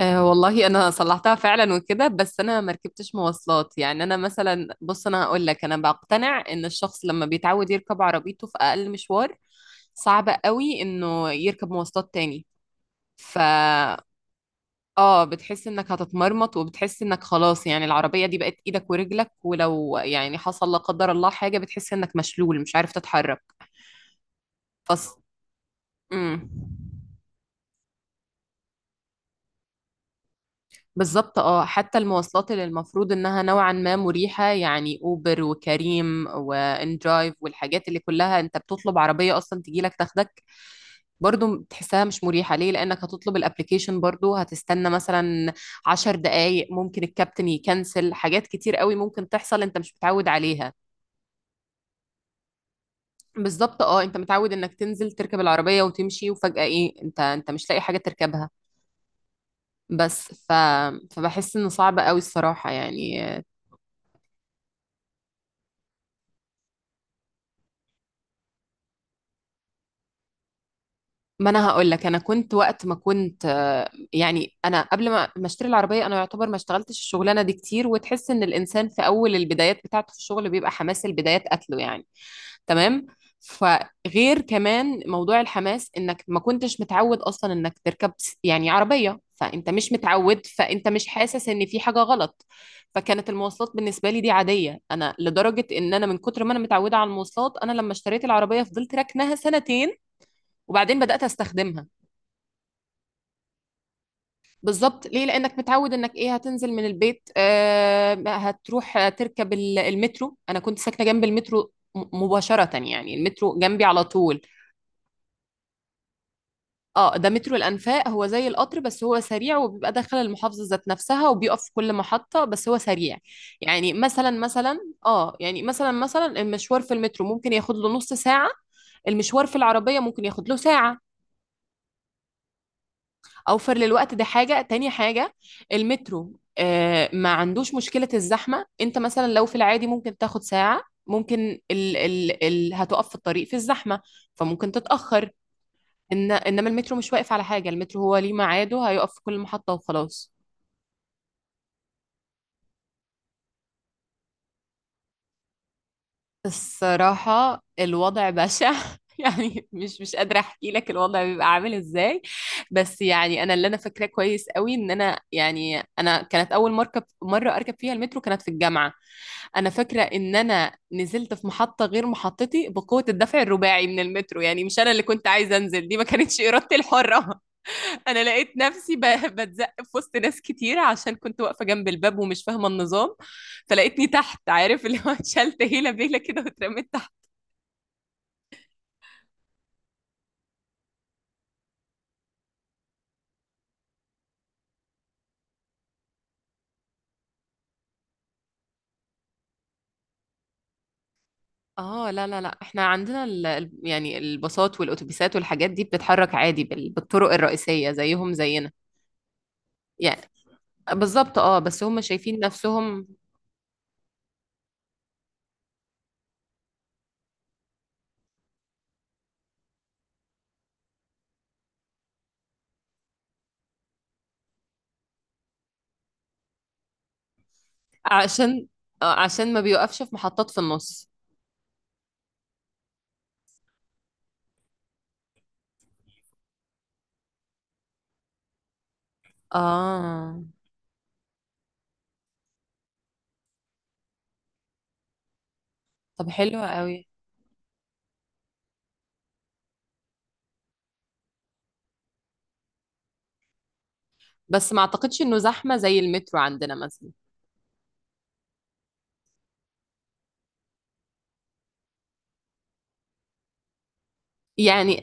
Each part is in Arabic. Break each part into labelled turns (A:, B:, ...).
A: أه والله انا صلحتها فعلا وكده. بس انا ما ركبتش مواصلات. يعني انا مثلا، بص، انا هقول لك بقتنع ان الشخص لما بيتعود يركب عربيته في اقل مشوار صعب قوي انه يركب مواصلات تاني. ف اه بتحس انك هتتمرمط، وبتحس انك خلاص، يعني العربية دي بقت ايدك ورجلك، ولو يعني حصل لا قدر الله حاجة بتحس انك مشلول مش عارف تتحرك. فص... مم. بالظبط اه. حتى المواصلات اللي المفروض انها نوعا ما مريحة، يعني اوبر وكريم واندرايف والحاجات اللي كلها انت بتطلب عربية اصلا تجيلك تاخدك، برضو تحسها مش مريحة. ليه؟ لانك هتطلب الابليكيشن برضو، هتستنى مثلا 10 دقايق، ممكن الكابتن يكنسل، حاجات كتير قوي ممكن تحصل انت مش متعود عليها. بالظبط اه، انت متعود انك تنزل تركب العربية وتمشي، وفجأة ايه، انت مش لاقي حاجة تركبها. بس ف... فبحس انه صعب قوي الصراحة يعني. ما انا هقول لك، انا كنت وقت ما كنت يعني انا قبل ما اشتري العربيه، انا يعتبر ما اشتغلتش الشغلانه دي كتير، وتحس ان الانسان في اول البدايات بتاعته في الشغل بيبقى حماس البدايات قتله يعني. تمام. فغير كمان موضوع الحماس، انك ما كنتش متعود اصلا انك تركب يعني عربيه، فانت مش متعود، فانت مش حاسس ان في حاجه غلط. فكانت المواصلات بالنسبه لي دي عاديه. انا لدرجه ان انا من كتر ما انا متعوده على المواصلات، انا لما اشتريت العربيه فضلت راكناها سنتين وبعدين بدات استخدمها. بالظبط. ليه؟ لانك متعود انك ايه، هتنزل من البيت، آه هتروح تركب المترو. انا كنت ساكنه جنب المترو مباشره، يعني المترو جنبي على طول. اه، ده مترو الانفاق، هو زي القطر بس هو سريع، وبيبقى داخل المحافظه ذات نفسها، وبيقف في كل محطه، بس هو سريع. يعني مثلا، اه يعني مثلا المشوار في المترو ممكن ياخد له نص ساعه، المشوار في العربيه ممكن ياخد له ساعه. اوفر للوقت، دي حاجه. تاني حاجه، المترو ما عندوش مشكله الزحمه. انت مثلا لو في العادي ممكن تاخد ساعه، ممكن ال ال ال هتقف في الطريق في الزحمه، فممكن تتاخر. إن انما المترو مش واقف على حاجه، المترو هو ليه ميعاده، هيقف في كل محطه وخلاص. الصراحة الوضع بشع يعني مش قادرة احكي لك الوضع بيبقى عامل ازاي. بس يعني انا اللي انا فاكراه كويس قوي ان انا يعني انا كانت اول مركب، مرة اركب فيها المترو كانت في الجامعة. انا فاكرة ان انا نزلت في محطة غير محطتي بقوة الدفع الرباعي من المترو، يعني مش انا اللي كنت عايزة انزل، دي ما كانتش ارادتي الحرة. انا لقيت نفسي بتزق في وسط ناس كتير، عشان كنت واقفه جنب الباب ومش فاهمه النظام. فلقيتني تحت، عارف اللي هو اتشلت هيله بيله كده واترميت تحت. اه، لا احنا عندنا يعني الباصات والاتوبيسات والحاجات دي بتتحرك عادي بالطرق الرئيسيه، زيهم زينا يعني. بالظبط اه، بس هم شايفين نفسهم. عشان عشان ما بيوقفش في محطات في النص. اه، طب حلو قوي. بس ما اعتقدش انه زحمه زي المترو عندنا مثلا. يعني،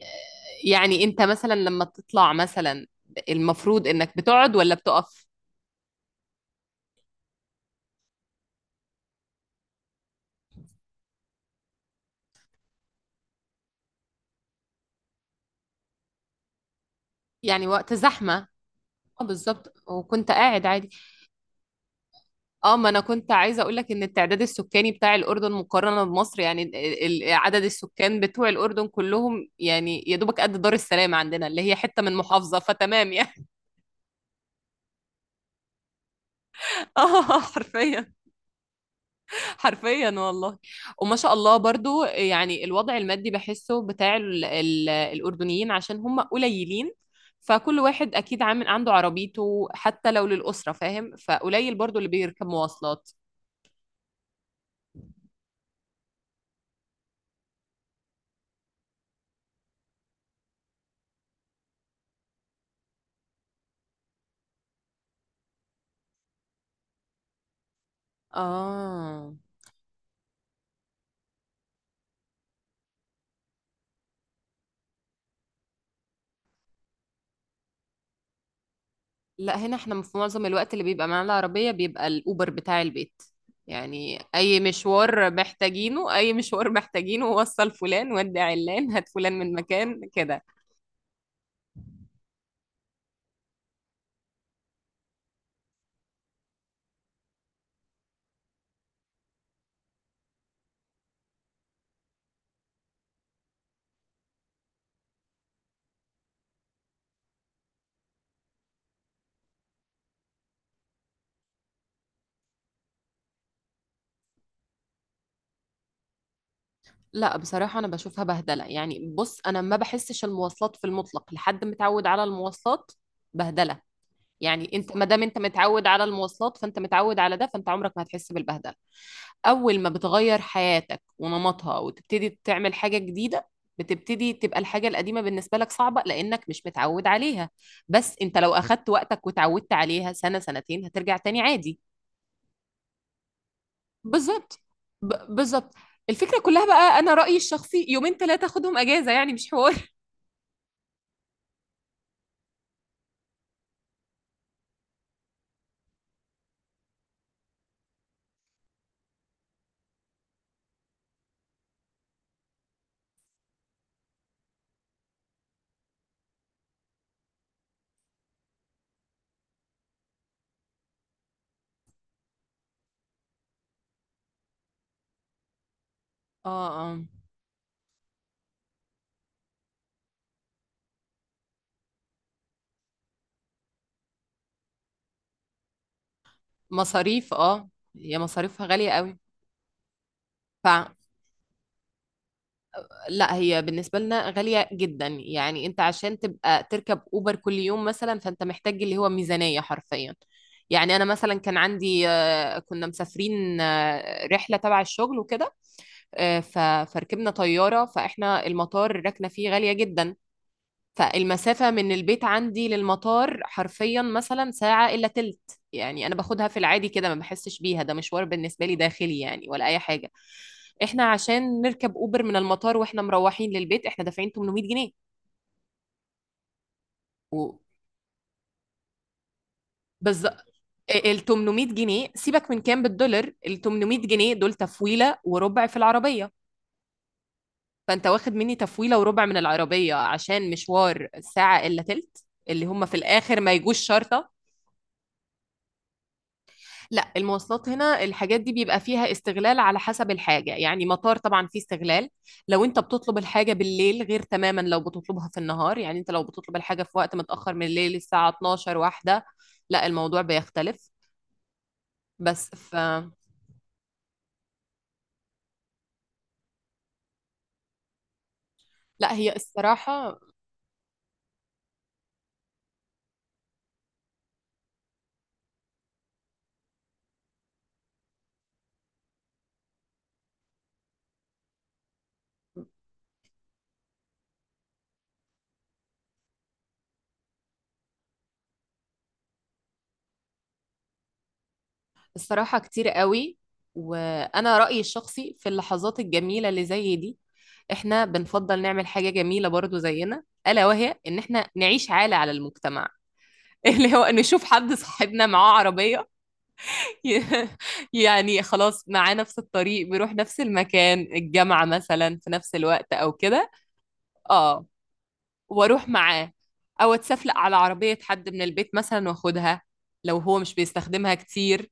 A: يعني انت مثلا لما بتطلع مثلا، المفروض انك بتقعد ولا بتقف؟ يعني وقت زحمة. اه بالظبط، وكنت قاعد عادي. اه، ما انا كنت عايزة اقول لك ان التعداد السكاني بتاع الاردن مقارنة بمصر، يعني عدد السكان بتوع الاردن كلهم، يعني يا دوبك قد دار السلام عندنا اللي هي حتة من محافظة، فتمام يعني. اه حرفيا. حرفيا والله. وما شاء الله برضو، يعني الوضع المادي بحسه بتاع ال الأردنيين، عشان هم قليلين، فكل واحد أكيد عامل عنده عربيته حتى لو للأسرة، فاهم؟ فقليل برضو اللي بيركب مواصلات. آه لا، هنا احنا في معظم الوقت اللي بيبقى معانا العربية بيبقى الأوبر بتاع البيت. يعني أي مشوار محتاجينه، أي مشوار محتاجينه، وصل فلان، ودع علان، هات فلان من مكان كده. لا بصراحة أنا بشوفها بهدلة. يعني بص، أنا ما بحسش المواصلات في المطلق لحد متعود على المواصلات بهدلة. يعني أنت ما دام أنت متعود على المواصلات فأنت متعود على ده، فأنت عمرك ما هتحس بالبهدلة. أول ما بتغير حياتك ونمطها وتبتدي تعمل حاجة جديدة، بتبتدي تبقى الحاجة القديمة بالنسبة لك صعبة لأنك مش متعود عليها. بس أنت لو أخدت وقتك وتعودت عليها سنة سنتين هترجع تاني عادي. بالظبط. بالظبط. الفكرة كلها بقى، أنا رأيي الشخصي، يومين ثلاثة خدهم أجازة يعني مش حوار اه. اه. مصاريف اه. هي مصاريفها غالية قوي. فلا، هي بالنسبة لنا غالية جدا. يعني انت عشان تبقى تركب اوبر كل يوم مثلا، فانت محتاج اللي هو ميزانية حرفيا. يعني انا مثلا كان عندي كنا مسافرين رحلة تبع الشغل وكده. آه، ف- فركبنا طيارة، فاحنا المطار ركنا فيه غالية جدا. فالمسافة من البيت عندي للمطار حرفيا مثلا ساعة إلا تلت، يعني أنا باخدها في العادي كده ما بحسش بيها، ده مشوار بالنسبة لي داخلي يعني، ولا أي حاجة. إحنا عشان نركب أوبر من المطار وإحنا مروحين للبيت، إحنا دافعين 800 جنيه. وبالظبط، ال 800 جنيه سيبك من كام بالدولار، ال 800 جنيه دول تفويلة وربع في العربية. فأنت واخد مني تفويلة وربع من العربية عشان مشوار ساعة إلا تلت اللي هم في الآخر ما يجوش شرطة. لا، المواصلات هنا الحاجات دي بيبقى فيها استغلال على حسب الحاجة. يعني مطار طبعا فيه استغلال. لو انت بتطلب الحاجة بالليل غير تماما لو بتطلبها في النهار. يعني انت لو بتطلب الحاجة في وقت متأخر من الليل الساعة 12 واحدة، لا الموضوع بيختلف. بس ف لا هي الصراحة، الصراحة كتير قوي. وأنا رأيي الشخصي، في اللحظات الجميلة اللي زي دي احنا بنفضل نعمل حاجة جميلة برضو زينا، ألا وهي إن احنا نعيش عالة على المجتمع اللي هو نشوف حد صاحبنا معاه عربية يعني خلاص معاه نفس الطريق، بيروح نفس المكان، الجامعة مثلا في نفس الوقت أو كده. اه، وأروح معاه. أو أتسفلق على عربية حد من البيت مثلا وأخدها لو هو مش بيستخدمها كتير.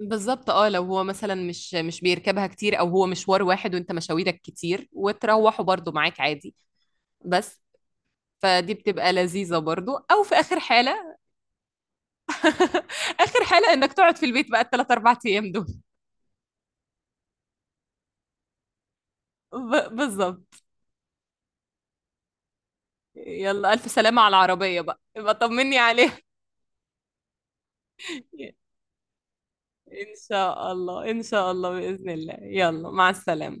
A: بالظبط اه، لو هو مثلا مش بيركبها كتير، أو هو مشوار واحد وأنت مشاويرك كتير وتروحوا برضو معاك عادي. بس فدي بتبقى لذيذة برضو، أو في آخر حالة، آخر حالة إنك تقعد في البيت بقى الثلاث أربع أيام دول. بالظبط. يلا ألف سلامة على العربية بقى، يبقى طمني عليها. إن شاء الله، إن شاء الله، بإذن الله. يلا مع السلامة.